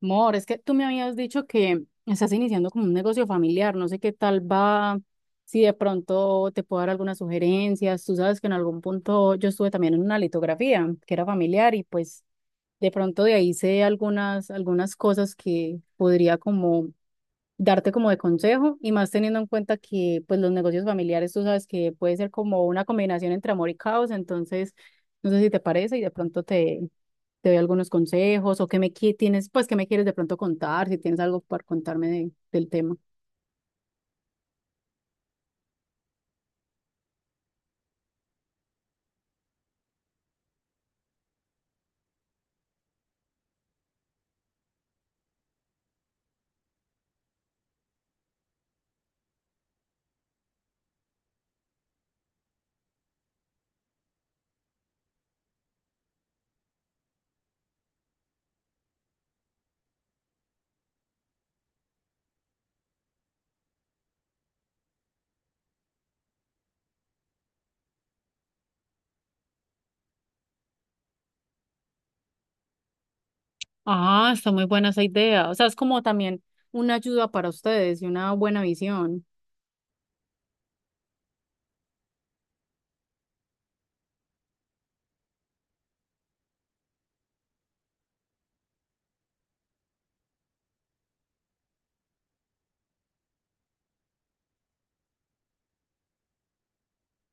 Mor, es que tú me habías dicho que estás iniciando como un negocio familiar, no sé qué tal va, si de pronto te puedo dar algunas sugerencias. Tú sabes que en algún punto yo estuve también en una litografía que era familiar y pues de pronto de ahí sé algunas cosas que podría como darte como de consejo y más teniendo en cuenta que pues los negocios familiares tú sabes que puede ser como una combinación entre amor y caos. Entonces no sé si te parece y de pronto te doy algunos consejos o tienes, pues qué me quieres de pronto contar, si tienes algo para contarme del tema. Ah, está muy buena esa idea. O sea, es como también una ayuda para ustedes y una buena visión.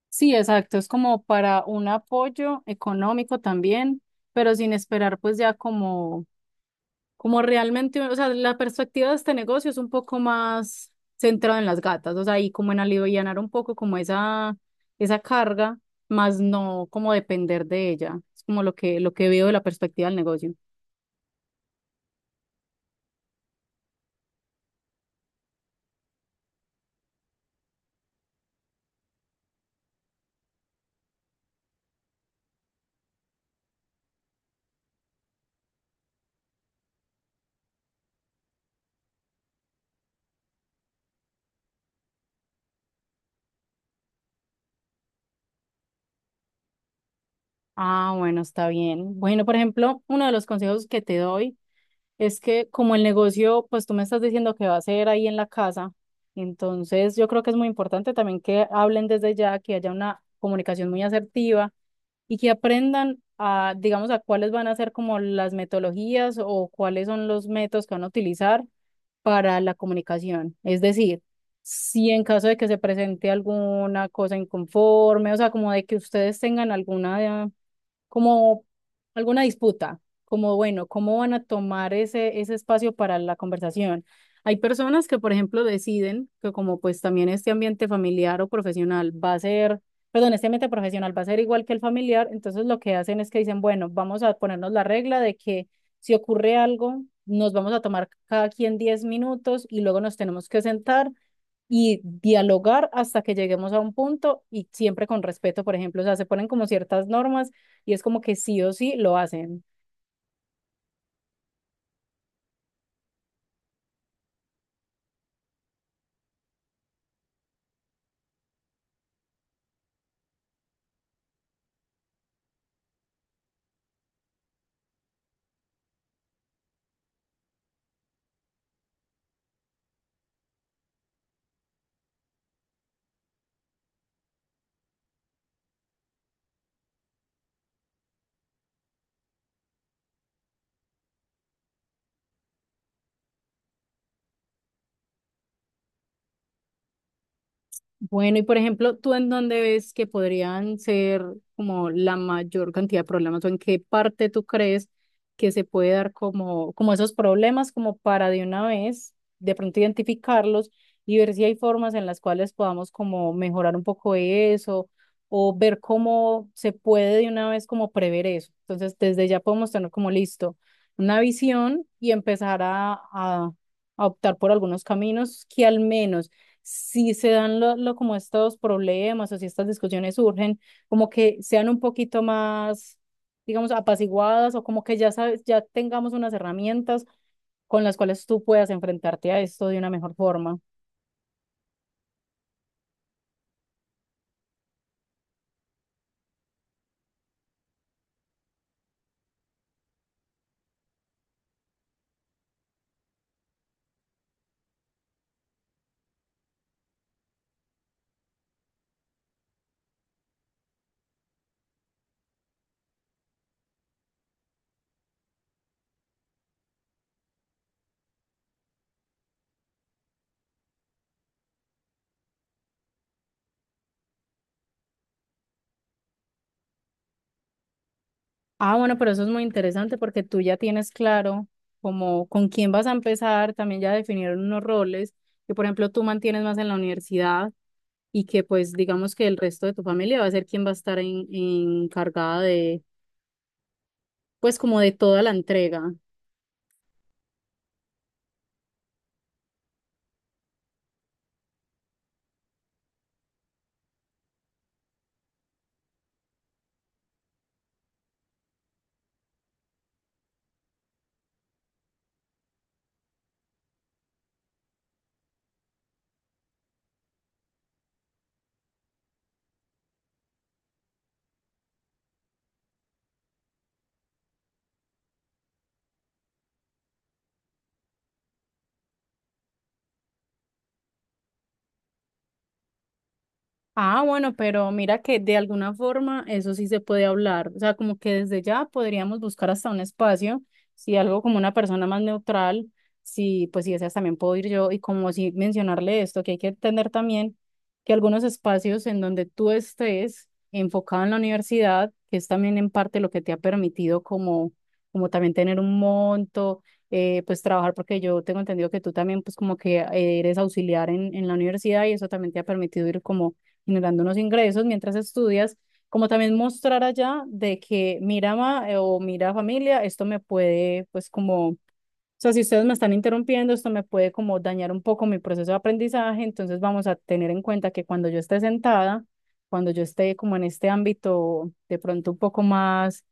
Sí, exacto, es como para un apoyo económico también, pero sin esperar pues ya como realmente. O sea, la perspectiva de este negocio es un poco más centrada en las gatas, o sea, y como en alivianar un poco como esa carga, más no como depender de ella. Es como lo que veo de la perspectiva del negocio. Ah, bueno, está bien. Bueno, por ejemplo, uno de los consejos que te doy es que como el negocio, pues tú me estás diciendo que va a ser ahí en la casa. Entonces yo creo que es muy importante también que hablen desde ya, que haya una comunicación muy asertiva y que aprendan a, digamos, a cuáles van a ser como las metodologías o cuáles son los métodos que van a utilizar para la comunicación. Es decir, si en caso de que se presente alguna cosa inconforme, o sea, como de que ustedes tengan alguna como alguna disputa, como bueno, ¿cómo van a tomar ese espacio para la conversación? Hay personas que, por ejemplo, deciden que como pues también este ambiente familiar o profesional va a ser, perdón, este ambiente profesional va a ser igual que el familiar. Entonces lo que hacen es que dicen, bueno, vamos a ponernos la regla de que si ocurre algo, nos vamos a tomar cada quien 10 minutos y luego nos tenemos que sentar y dialogar hasta que lleguemos a un punto y siempre con respeto, por ejemplo. O sea, se ponen como ciertas normas y es como que sí o sí lo hacen. Bueno, y por ejemplo, ¿tú en dónde ves que podrían ser como la mayor cantidad de problemas o en qué parte tú crees que se puede dar como esos problemas como para de una vez de pronto identificarlos y ver si hay formas en las cuales podamos como mejorar un poco eso o ver cómo se puede de una vez como prever eso? Entonces, desde ya podemos tener como listo una visión y empezar a optar por algunos caminos que al menos si se dan como estos problemas o si estas discusiones surgen, como que sean un poquito más, digamos, apaciguadas o como que ya sabes, ya tengamos unas herramientas con las cuales tú puedas enfrentarte a esto de una mejor forma. Ah, bueno, pero eso es muy interesante porque tú ya tienes claro como con quién vas a empezar, también ya definieron unos roles que, por ejemplo, tú mantienes más en la universidad y que, pues, digamos que el resto de tu familia va a ser quien va a estar encargada de, pues, como de toda la entrega. Ah, bueno, pero mira que de alguna forma eso sí se puede hablar. O sea, como que desde ya podríamos buscar hasta un espacio, si algo como una persona más neutral, si pues si deseas también puedo ir yo y como si mencionarle esto, que hay que entender también que algunos espacios en donde tú estés enfocado en la universidad, que es también en parte lo que te ha permitido como también tener un monto, pues trabajar, porque yo tengo entendido que tú también pues como que eres auxiliar en la universidad y eso también te ha permitido ir como generando unos ingresos mientras estudias, como también mostrar allá de que mira, ma, o mira, familia, esto me puede, pues como o sea, si ustedes me están interrumpiendo, esto me puede como dañar un poco mi proceso de aprendizaje. Entonces vamos a tener en cuenta que cuando yo esté sentada, cuando yo esté como en este ámbito de pronto un poco más,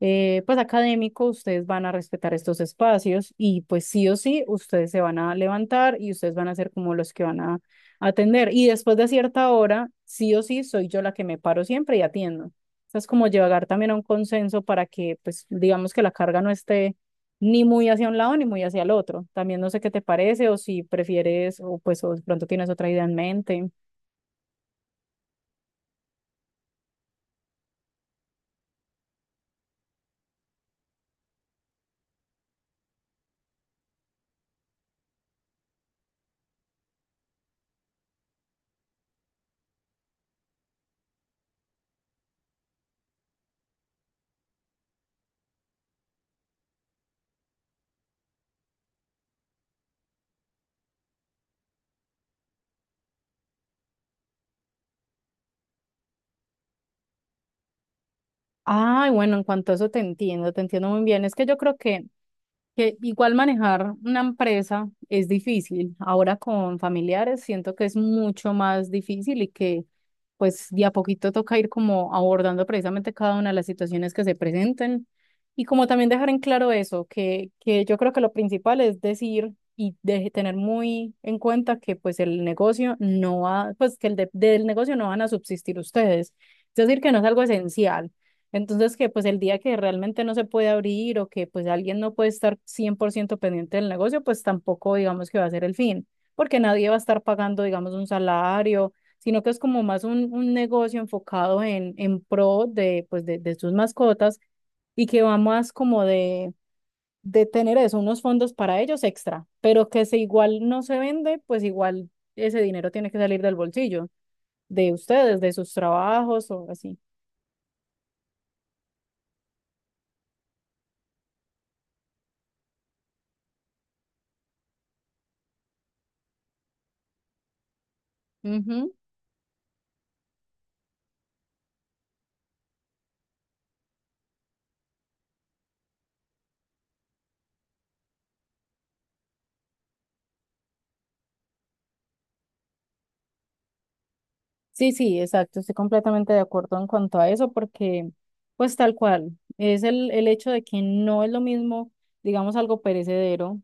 pues académico, ustedes van a respetar estos espacios y pues sí o sí, ustedes se van a levantar y ustedes van a ser como los que van a atender. Y después de cierta hora, sí o sí, soy yo la que me paro siempre y atiendo. O sea, es como llegar también a un consenso para que, pues, digamos que la carga no esté ni muy hacia un lado ni muy hacia el otro. También no sé qué te parece o si prefieres o pues o de pronto tienes otra idea en mente. Ay, bueno, en cuanto a eso te entiendo muy bien. Es que yo creo que igual manejar una empresa es difícil. Ahora con familiares siento que es mucho más difícil y que pues de a poquito toca ir como abordando precisamente cada una de las situaciones que se presenten y como también dejar en claro eso, que yo creo que lo principal es decir y de tener muy en cuenta que pues el negocio no va, pues que el del negocio no van a subsistir ustedes. Es decir, que no es algo esencial. Entonces, que pues el día que realmente no se puede abrir o que pues alguien no puede estar 100% pendiente del negocio, pues tampoco digamos que va a ser el fin, porque nadie va a estar pagando, digamos, un salario, sino que es como más un negocio enfocado en pro de, pues, de sus mascotas y que va más como de tener eso, unos fondos para ellos extra, pero que si igual no se vende, pues igual ese dinero tiene que salir del bolsillo de ustedes, de sus trabajos o así. Sí, sí, exacto, estoy completamente de acuerdo en cuanto a eso, porque pues tal cual, es el hecho de que no es lo mismo, digamos, algo perecedero.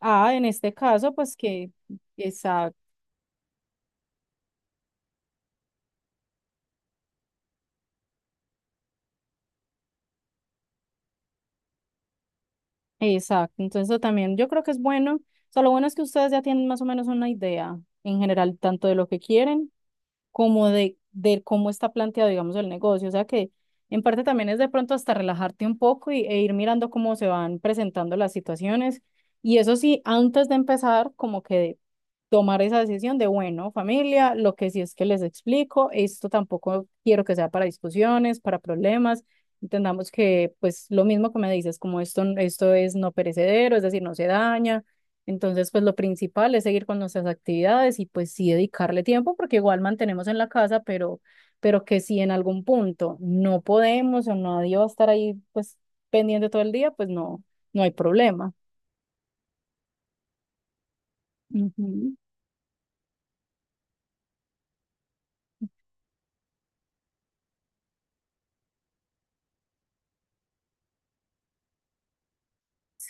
Ah, en este caso, pues que, exacto, exacto, entonces eso también yo creo que es bueno. O sea, lo bueno es que ustedes ya tienen más o menos una idea en general, tanto de lo que quieren como de cómo está planteado, digamos, el negocio. O sea que en parte también es de pronto hasta relajarte un poco e ir mirando cómo se van presentando las situaciones. Y eso sí, antes de empezar, como que tomar esa decisión de, bueno, familia, lo que sí es que les explico, esto tampoco quiero que sea para discusiones, para problemas. Entendamos que, pues, lo mismo que me dices, como esto es no perecedero, es decir, no se daña. Entonces, pues lo principal es seguir con nuestras actividades y pues sí dedicarle tiempo porque igual mantenemos en la casa, pero, que si en algún punto no podemos o nadie va a estar ahí pues pendiente todo el día, pues no, no hay problema. Ujú.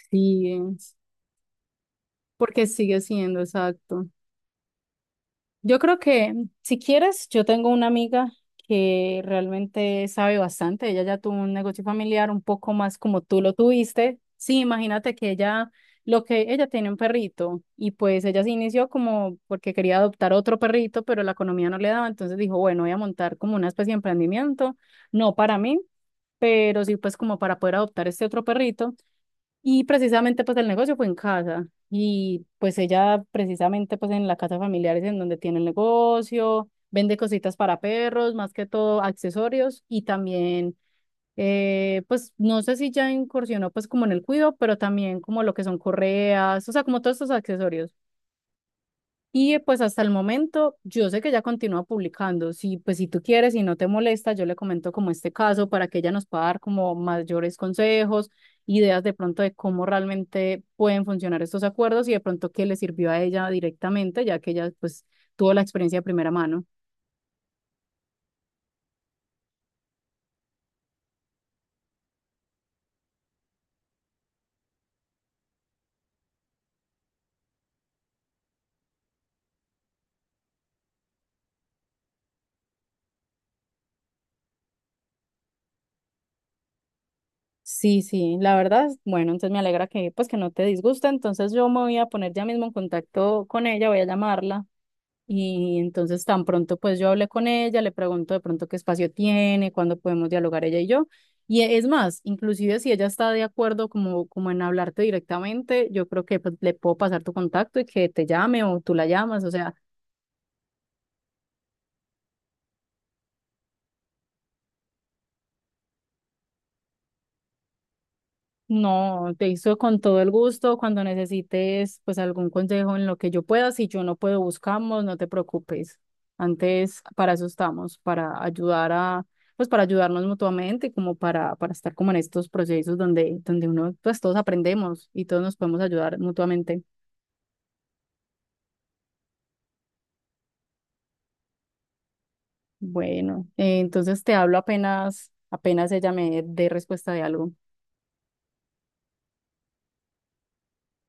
Sí, porque sigue siendo exacto. Yo creo que si quieres, yo tengo una amiga que realmente sabe bastante. Ella ya tuvo un negocio familiar un poco más como tú lo tuviste. Sí, imagínate que ella, lo que ella tiene un perrito y pues ella se inició como porque quería adoptar otro perrito, pero la economía no le daba. Entonces dijo, bueno, voy a montar como una especie de emprendimiento, no para mí, pero sí pues como para poder adoptar este otro perrito. Y precisamente pues el negocio fue en casa y pues ella precisamente pues en la casa familiar es en donde tiene el negocio, vende cositas para perros, más que todo accesorios y también pues no sé si ya incursionó pues como en el cuido, pero también como lo que son correas, o sea, como todos estos accesorios. Y pues hasta el momento, yo sé que ella continúa publicando. Si, pues si tú quieres y no te molesta, yo le comento como este caso para que ella nos pueda dar como mayores consejos, ideas de pronto de cómo realmente pueden funcionar estos acuerdos y de pronto qué le sirvió a ella directamente, ya que ella pues tuvo la experiencia de primera mano. Sí, sí, la verdad, bueno, entonces me alegra que pues que no te disgusta. Entonces yo me voy a poner ya mismo en contacto con ella, voy a llamarla. Y entonces tan pronto pues yo hablé con ella, le pregunto de pronto qué espacio tiene, cuándo podemos dialogar ella y yo. Y es más, inclusive si ella está de acuerdo como en hablarte directamente, yo creo que pues, le puedo pasar tu contacto y que te llame o tú la llamas, o sea, no, te hizo con todo el gusto. Cuando necesites, pues algún consejo en lo que yo pueda, si yo no puedo, buscamos, no te preocupes. Antes, para eso estamos, para ayudar a, pues para ayudarnos mutuamente, como para estar como en estos procesos donde uno, pues todos aprendemos y todos nos podemos ayudar mutuamente. Bueno, entonces te hablo apenas ella me dé respuesta de algo.